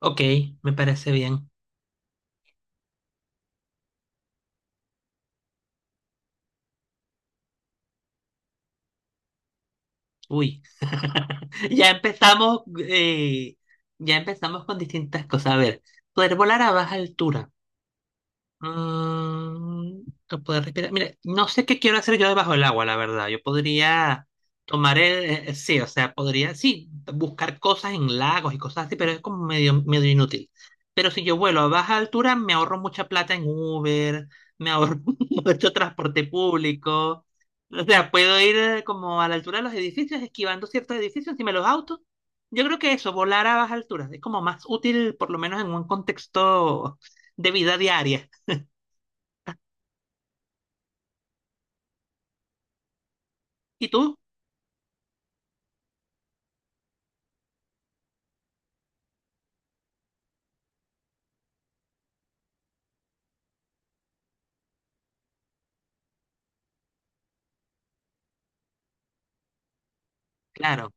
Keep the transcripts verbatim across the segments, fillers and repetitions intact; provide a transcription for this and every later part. Ok, me parece bien. Uy, ya empezamos, eh, ya empezamos con distintas cosas. A ver, poder volar a baja altura. Mm, no poder respirar. Mire, no sé qué quiero hacer yo debajo del agua, la verdad. Yo podría tomar el, eh, eh, sí, o sea, podría, sí, buscar cosas en lagos y cosas así, pero es como medio, medio inútil. Pero si yo vuelo a baja altura, me ahorro mucha plata en Uber, me ahorro mucho transporte público. O sea, puedo ir eh, como a la altura de los edificios, esquivando ciertos edificios, encima de los autos. Yo creo que eso, volar a baja altura, es como más útil, por lo menos en un contexto de vida diaria. ¿Y tú? Claro,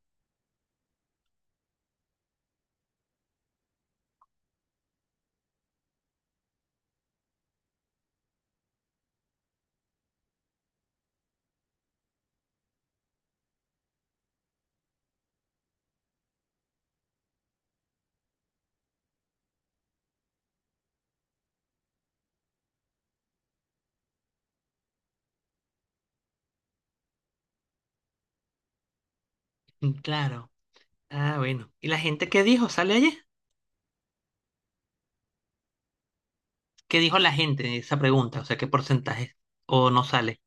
mm, claro. Ah, bueno. ¿Y la gente qué dijo? ¿Sale allí ¿Qué dijo la gente en esa pregunta? O sea, ¿qué porcentaje? ¿O no sale?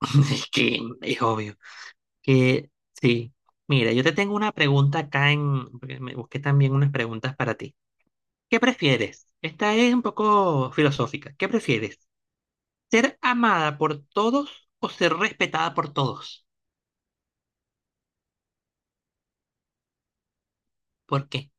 Es que es obvio. Que sí. Mira, yo te tengo una pregunta acá en... porque Me busqué también unas preguntas para ti. ¿Qué prefieres? Esta es un poco filosófica. ¿Qué prefieres? ¿Ser amada por todos o ser respetada por todos? ¿Por qué?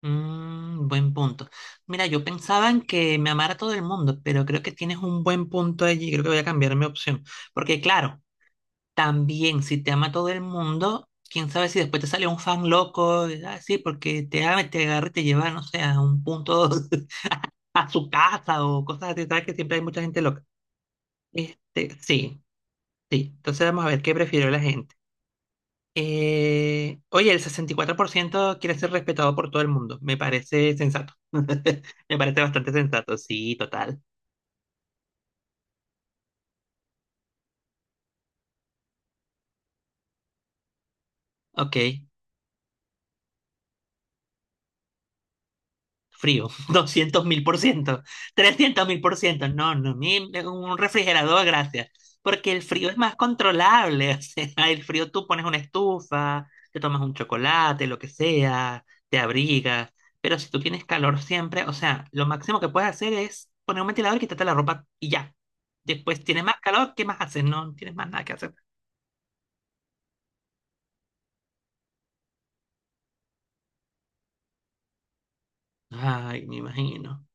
Mm, buen punto. Mira, yo pensaba en que me amara todo el mundo, pero creo que tienes un buen punto allí. Creo que voy a cambiar mi opción. Porque claro, también si te ama todo el mundo, quién sabe si después te sale un fan loco, y, ah, sí, porque te ama, y te agarra y te lleva, no sé, a un punto a su casa o cosas así, sabes que siempre hay mucha gente loca. Este, sí, sí. Entonces vamos a ver qué prefirió la gente. Eh, oye, el sesenta y cuatro por ciento quiere ser respetado por todo el mundo. Me parece sensato. Me parece bastante sensato, sí, total. Ok. Frío, doscientos mil por ciento, trescientos mil por ciento, no, no, mi- un refrigerador, gracias, porque el frío es más controlable. O sea, el frío tú pones una estufa, te tomas un chocolate, lo que sea, te abrigas, pero si tú tienes calor siempre, o sea, lo máximo que puedes hacer es poner un ventilador y quitarte la ropa y ya. Después tienes más calor, ¿qué más haces? No, no tienes más nada que hacer. Ay, me imagino.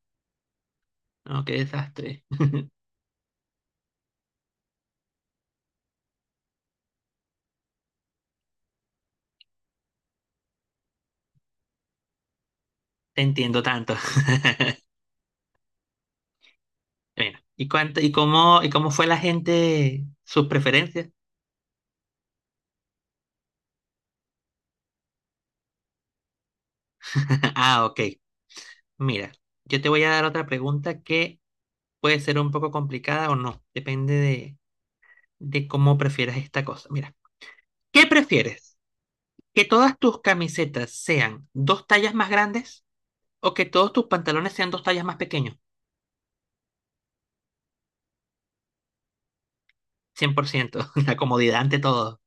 No, qué desastre. Te entiendo tanto. Mira, ¿y cuánto, y cómo, y cómo fue la gente, sus preferencias? Ah, ok. Mira, yo te voy a dar otra pregunta que puede ser un poco complicada o no. Depende de, de cómo prefieras esta cosa. Mira, ¿qué prefieres? ¿Que todas tus camisetas sean dos tallas más grandes o que todos tus pantalones sean dos tallas más pequeños? Cien por ciento, la comodidad ante todo.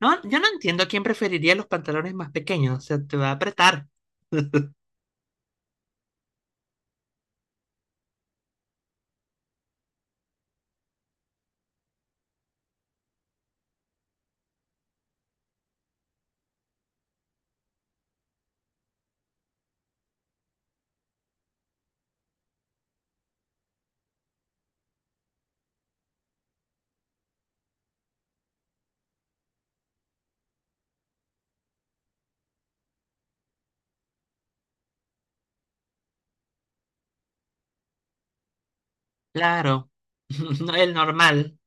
No, yo no entiendo a quién preferiría los pantalones más pequeños. O sea, te va a apretar. Claro, no, el normal.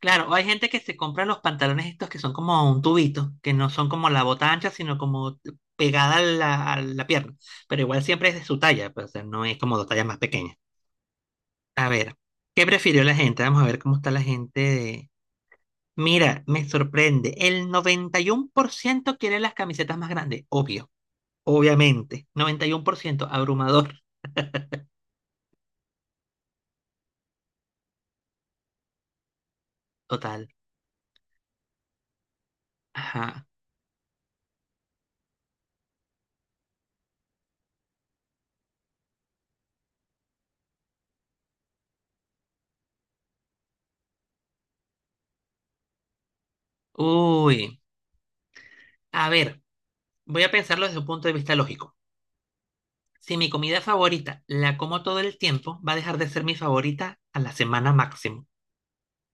Claro, hay gente que se compra los pantalones estos que son como un tubito, que no son como la bota ancha, sino como pegada a la, a la pierna. Pero igual siempre es de su talla, pues, o sea, no es como dos tallas más pequeñas. A ver, ¿qué prefirió la gente? Vamos a ver cómo está la gente de... Mira, me sorprende. El noventa y uno por ciento quiere las camisetas más grandes, obvio, obviamente. Noventa y uno por ciento, abrumador, total. Ajá. Uy, a ver, voy a pensarlo desde un punto de vista lógico. Si mi comida favorita la como todo el tiempo, va a dejar de ser mi favorita a la semana máximo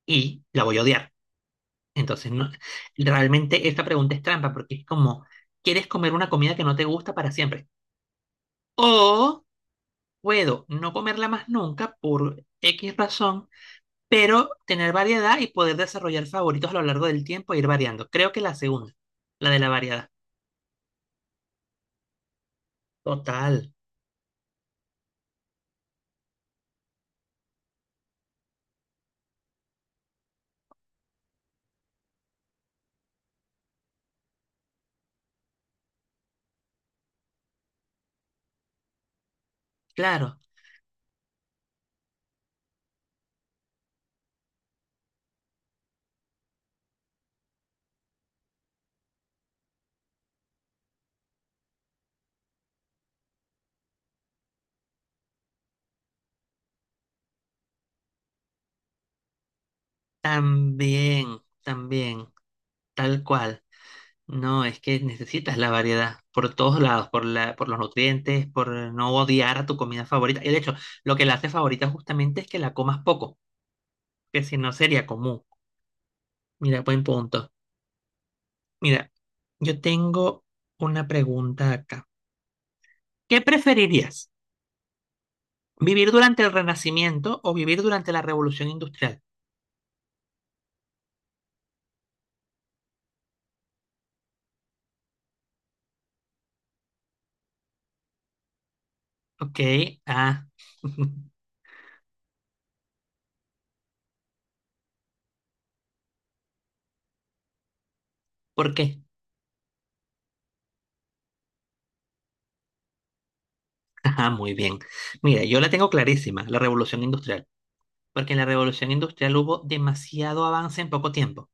y la voy a odiar. Entonces, no, realmente esta pregunta es trampa porque es como, ¿quieres comer una comida que no te gusta para siempre? O puedo no comerla más nunca por X razón, pero tener variedad y poder desarrollar favoritos a lo largo del tiempo e ir variando. Creo que la segunda, la de la variedad. Total, claro, también, también, tal cual. No, es que necesitas la variedad por todos lados, por la, por los nutrientes, por no odiar a tu comida favorita. Y de hecho, lo que la hace favorita justamente es que la comas poco, que si no sería común. Mira, buen punto. Mira, yo tengo una pregunta acá. ¿Qué preferirías? ¿Vivir durante el Renacimiento o vivir durante la Revolución Industrial? Ok, ah, ¿por qué? Ajá, muy bien. Mira, yo la tengo clarísima, la Revolución Industrial. Porque en la revolución industrial hubo demasiado avance en poco tiempo.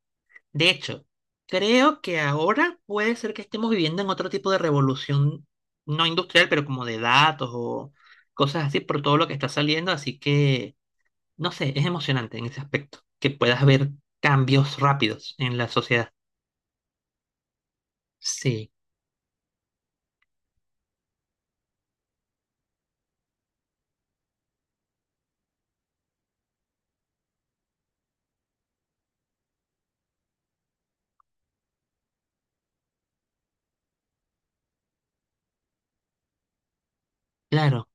De hecho, creo que ahora puede ser que estemos viviendo en otro tipo de revolución, no industrial, pero como de datos o cosas así por todo lo que está saliendo, así que, no sé, es emocionante en ese aspecto, que puedas ver cambios rápidos en la sociedad. Sí, claro.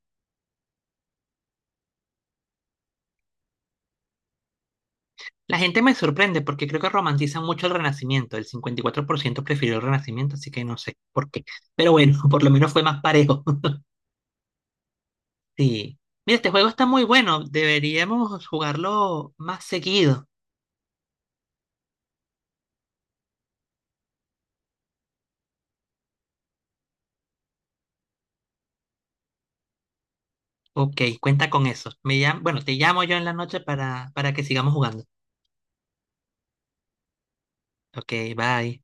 La gente me sorprende porque creo que romantizan mucho el Renacimiento. El cincuenta y cuatro por ciento prefirió el Renacimiento, así que no sé por qué. Pero bueno, por lo menos fue más parejo. Sí. Mira, este juego está muy bueno. Deberíamos jugarlo más seguido. Ok, cuenta con eso. Me llam- bueno, te llamo yo en la noche para, para, que sigamos jugando. Ok, bye.